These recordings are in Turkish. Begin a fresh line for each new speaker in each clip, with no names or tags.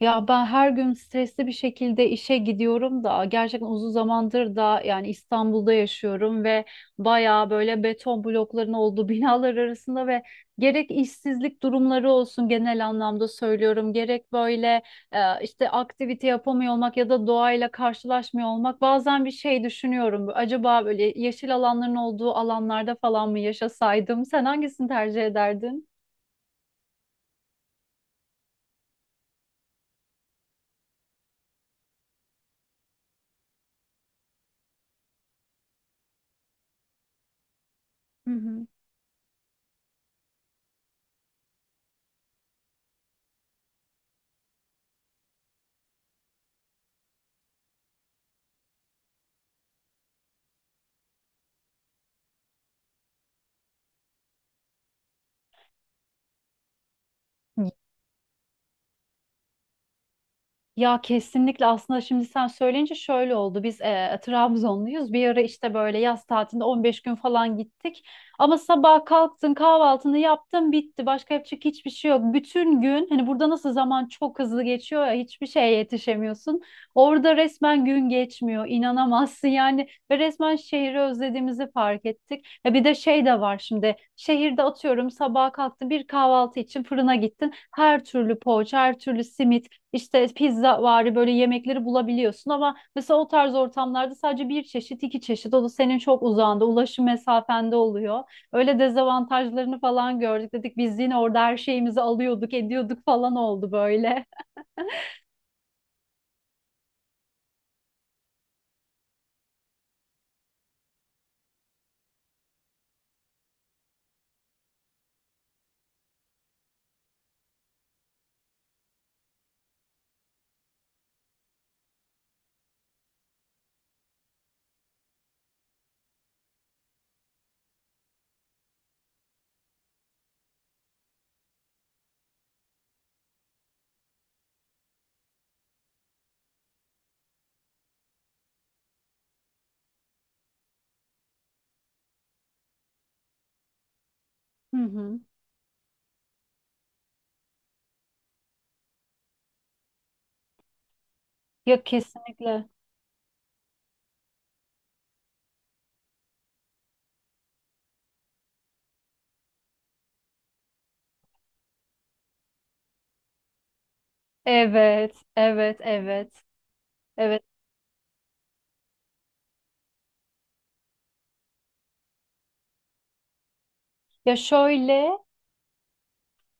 Ya ben her gün stresli bir şekilde işe gidiyorum da gerçekten uzun zamandır da yani İstanbul'da yaşıyorum ve bayağı böyle beton blokların olduğu binalar arasında ve gerek işsizlik durumları olsun genel anlamda söylüyorum gerek böyle işte aktivite yapamıyor olmak ya da doğayla karşılaşmıyor olmak bazen bir şey düşünüyorum. Acaba böyle yeşil alanların olduğu alanlarda falan mı yaşasaydım? Sen hangisini tercih ederdin? Hı hı. Ya kesinlikle aslında şimdi sen söyleyince şöyle oldu. Biz Trabzonluyuz. Bir ara işte böyle yaz tatilinde 15 gün falan gittik. Ama sabah kalktın, kahvaltını yaptın, bitti. Başka yapacak hiçbir şey yok. Bütün gün hani burada nasıl zaman çok hızlı geçiyor ya hiçbir şeye yetişemiyorsun. Orada resmen gün geçmiyor. İnanamazsın yani ve resmen şehri özlediğimizi fark ettik. Ya bir de şey de var şimdi. Şehirde atıyorum sabah kalktın bir kahvaltı için fırına gittin. Her türlü poğaça, her türlü simit işte pizza vari böyle yemekleri bulabiliyorsun ama mesela o tarz ortamlarda sadece bir çeşit iki çeşit o da senin çok uzağında ulaşım mesafende oluyor. Öyle dezavantajlarını falan gördük dedik biz yine orada her şeyimizi alıyorduk ediyorduk falan oldu böyle. Hı hı. Ya kesinlikle. Evet, evet, evet. Evet. Ya şöyle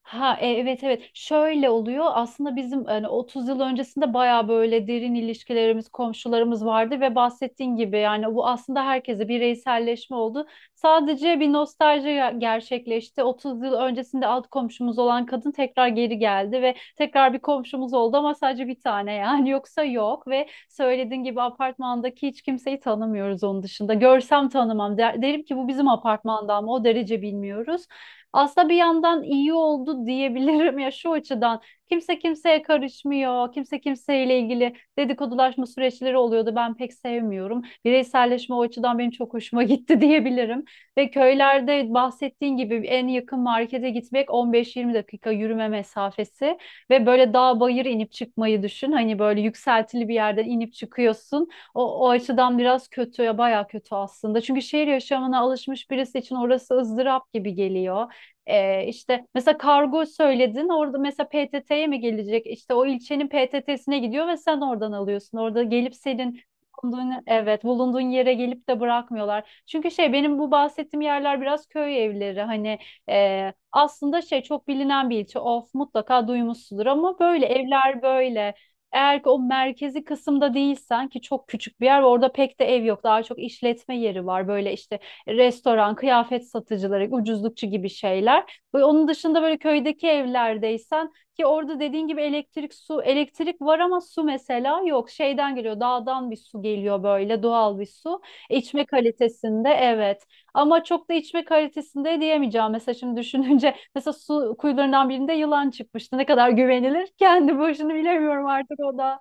Evet, şöyle oluyor aslında bizim hani 30 yıl öncesinde baya böyle derin ilişkilerimiz komşularımız vardı ve bahsettiğin gibi yani bu aslında herkese bireyselleşme oldu. Sadece bir nostalji gerçekleşti. 30 yıl öncesinde alt komşumuz olan kadın tekrar geri geldi ve tekrar bir komşumuz oldu ama sadece bir tane yani yoksa yok ve söylediğin gibi apartmandaki hiç kimseyi tanımıyoruz onun dışında. Görsem tanımam. Derim ki bu bizim apartmandan mı o derece bilmiyoruz. Aslında bir yandan iyi oldu diyebilirim ya şu açıdan. Kimse kimseye karışmıyor. Kimse kimseyle ilgili dedikodulaşma süreçleri oluyordu. Ben pek sevmiyorum. Bireyselleşme o açıdan benim çok hoşuma gitti diyebilirim. Ve köylerde bahsettiğin gibi en yakın markete gitmek 15-20 dakika yürüme mesafesi ve böyle dağ bayır inip çıkmayı düşün. Hani böyle yükseltili bir yerden inip çıkıyorsun. O açıdan biraz kötü ya bayağı kötü aslında. Çünkü şehir yaşamına alışmış birisi için orası ızdırap gibi geliyor. İşte mesela kargo söyledin orada mesela PTT'ye mi gelecek? İşte o ilçenin PTT'sine gidiyor ve sen oradan alıyorsun. Orada gelip senin bulunduğun, evet bulunduğun yere gelip de bırakmıyorlar. Çünkü şey benim bu bahsettiğim yerler biraz köy evleri hani aslında şey çok bilinen bir ilçe. Of mutlaka duymuşsundur ama böyle evler böyle. Eğer ki o merkezi kısımda değilsen ki çok küçük bir yer ve orada pek de ev yok. Daha çok işletme yeri var. Böyle işte restoran, kıyafet satıcıları, ucuzlukçu gibi şeyler. Onun dışında böyle köydeki evlerdeysen ki orada dediğin gibi elektrik, su, elektrik var ama su mesela yok. Şeyden geliyor, dağdan bir su geliyor böyle doğal bir su. İçme kalitesinde evet. Ama çok da içme kalitesinde diyemeyeceğim. Mesela şimdi düşününce mesela su kuyularından birinde yılan çıkmıştı. Ne kadar güvenilir? Kendi başını bilemiyorum artık o da.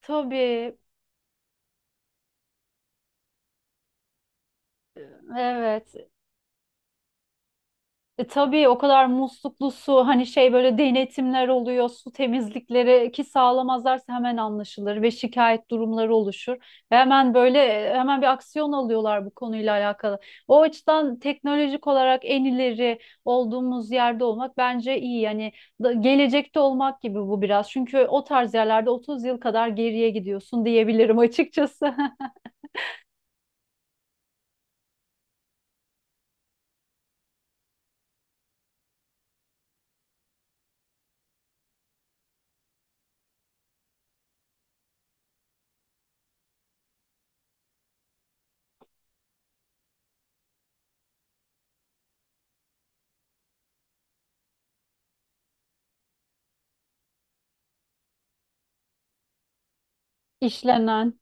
Tabii, evet. Tabii o kadar musluklu su hani şey böyle denetimler oluyor su temizlikleri ki sağlamazlarsa hemen anlaşılır ve şikayet durumları oluşur. Ve hemen böyle hemen bir aksiyon alıyorlar bu konuyla alakalı. O açıdan teknolojik olarak en ileri olduğumuz yerde olmak bence iyi. Yani gelecekte olmak gibi bu biraz. Çünkü o tarz yerlerde 30 yıl kadar geriye gidiyorsun diyebilirim açıkçası. İşlenen.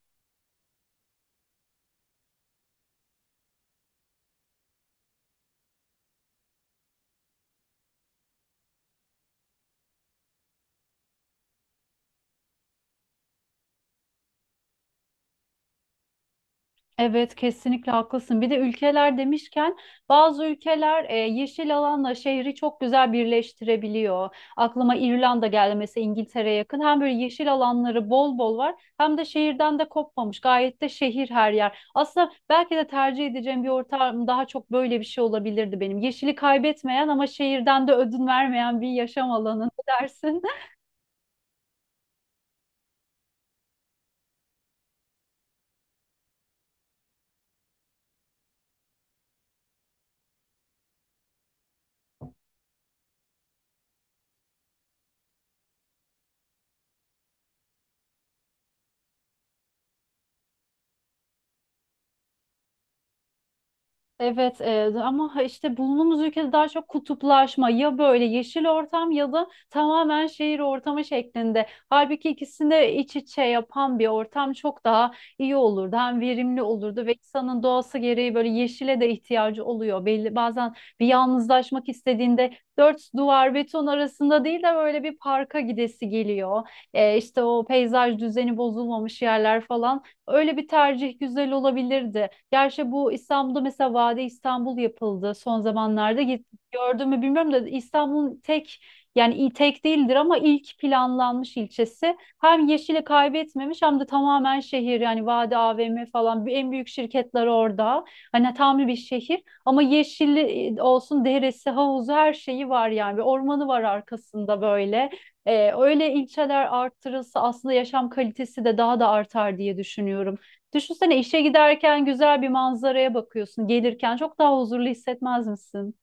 Evet kesinlikle haklısın. Bir de ülkeler demişken bazı ülkeler yeşil alanla şehri çok güzel birleştirebiliyor. Aklıma İrlanda geldi mesela İngiltere'ye yakın. Hem böyle yeşil alanları bol bol var hem de şehirden de kopmamış. Gayet de şehir her yer. Aslında belki de tercih edeceğim bir ortam daha çok böyle bir şey olabilirdi benim. Yeşili kaybetmeyen ama şehirden de ödün vermeyen bir yaşam alanı. Ne dersin? Evet ama işte bulunduğumuz ülkede daha çok kutuplaşma ya böyle yeşil ortam ya da tamamen şehir ortamı şeklinde. Halbuki ikisini de iç içe yapan bir ortam çok daha iyi olurdu. Hem verimli olurdu ve insanın doğası gereği böyle yeşile de ihtiyacı oluyor. Belli, bazen bir yalnızlaşmak istediğinde dört duvar beton arasında değil de böyle bir parka gidesi geliyor. İşte o peyzaj düzeni bozulmamış yerler falan öyle bir tercih güzel olabilirdi. Gerçi bu İstanbul'da mesela Vade İstanbul yapıldı son zamanlarda. Gördün mü bilmiyorum da İstanbul'un tek yani tek değildir ama ilk planlanmış ilçesi. Hem yeşili kaybetmemiş hem de tamamen şehir yani Vade AVM falan en büyük şirketler orada. Hani tam bir şehir ama yeşilli olsun deresi, havuzu her şeyi var yani. Bir ormanı var arkasında böyle. Öyle ilçeler arttırılsa aslında yaşam kalitesi de daha da artar diye düşünüyorum. Düşünsene işe giderken güzel bir manzaraya bakıyorsun. Gelirken çok daha huzurlu hissetmez misin?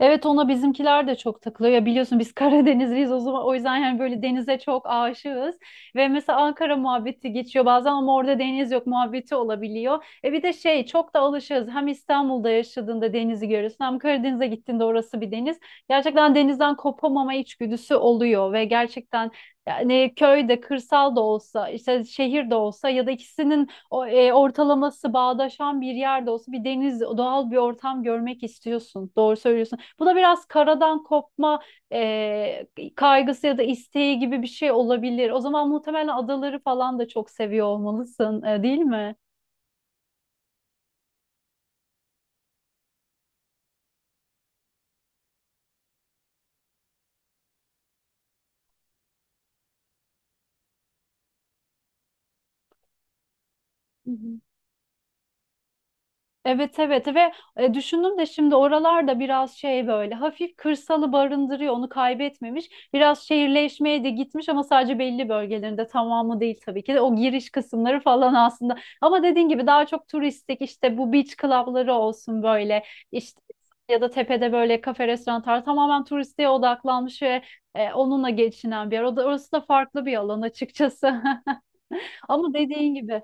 Evet ona bizimkiler de çok takılıyor. Ya biliyorsun biz Karadenizliyiz o zaman o yüzden yani böyle denize çok aşığız. Ve mesela Ankara muhabbeti geçiyor bazen ama orada deniz yok muhabbeti olabiliyor. E bir de şey çok da alışığız. Hem İstanbul'da yaşadığında denizi görüyorsun hem Karadeniz'e gittiğinde orası bir deniz. Gerçekten denizden kopamama içgüdüsü oluyor ve gerçekten yani köyde, kırsal da olsa, işte şehir de olsa ya da ikisinin ortalaması bağdaşan bir yerde olsa bir deniz, doğal bir ortam görmek istiyorsun. Doğru söylüyorsun. Bu da biraz karadan kopma kaygısı ya da isteği gibi bir şey olabilir. O zaman muhtemelen adaları falan da çok seviyor olmalısın, değil mi? Hı hı. Evet evet ve düşündüm de şimdi oralarda biraz şey böyle hafif kırsalı barındırıyor onu kaybetmemiş. Biraz şehirleşmeye de gitmiş ama sadece belli bölgelerinde tamamı değil tabii ki de o giriş kısımları falan aslında. Ama dediğin gibi daha çok turistik işte bu beach club'ları olsun böyle işte ya da tepede böyle kafe restoranlar tamamen turistliğe odaklanmış ve onunla geçinen bir yer. Orası da farklı bir alan açıkçası. Ama dediğin gibi.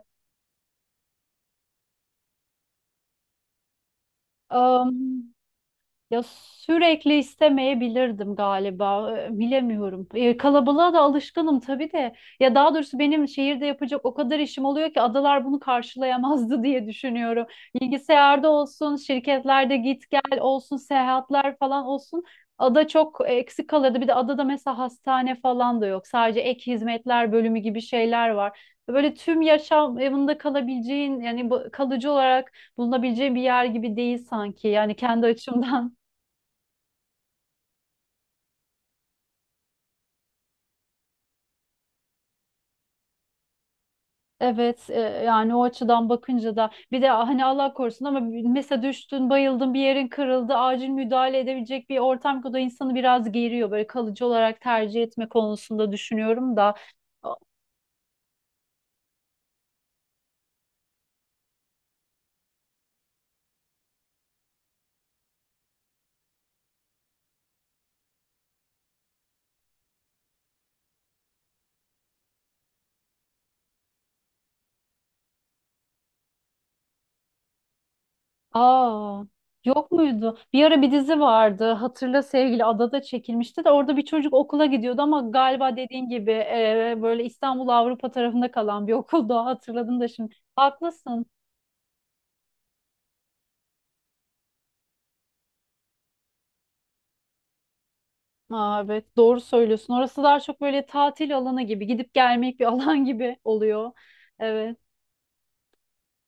Ya sürekli istemeyebilirdim galiba. Bilemiyorum. Kalabalığa da alışkınım tabii de. Ya daha doğrusu benim şehirde yapacak o kadar işim oluyor ki adalar bunu karşılayamazdı diye düşünüyorum. Bilgisayarda olsun, şirketlerde git gel olsun, seyahatler falan olsun. Ada çok eksik kalırdı. Bir de adada mesela hastane falan da yok. Sadece ek hizmetler bölümü gibi şeyler var. Böyle tüm yaşamında kalabileceğin yani kalıcı olarak bulunabileceğin bir yer gibi değil sanki. Yani kendi açımdan. Evet yani o açıdan bakınca da bir de "Ah, hani Allah korusun ama mesela düştün bayıldın bir yerin kırıldı acil müdahale edebilecek bir ortam ki o da insanı biraz geriyor böyle kalıcı olarak tercih etme konusunda düşünüyorum da. aa yok muydu bir ara bir dizi vardı hatırla sevgili adada çekilmişti de orada bir çocuk okula gidiyordu ama galiba dediğin gibi böyle İstanbul Avrupa tarafında kalan bir okuldu. Hatırladım da şimdi haklısın. Aa, evet doğru söylüyorsun. Orası daha çok böyle tatil alanı gibi, gidip gelmek bir alan gibi oluyor. Evet.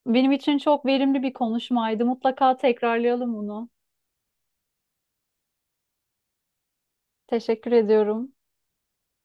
Benim için çok verimli bir konuşmaydı. Mutlaka tekrarlayalım bunu. Teşekkür ediyorum.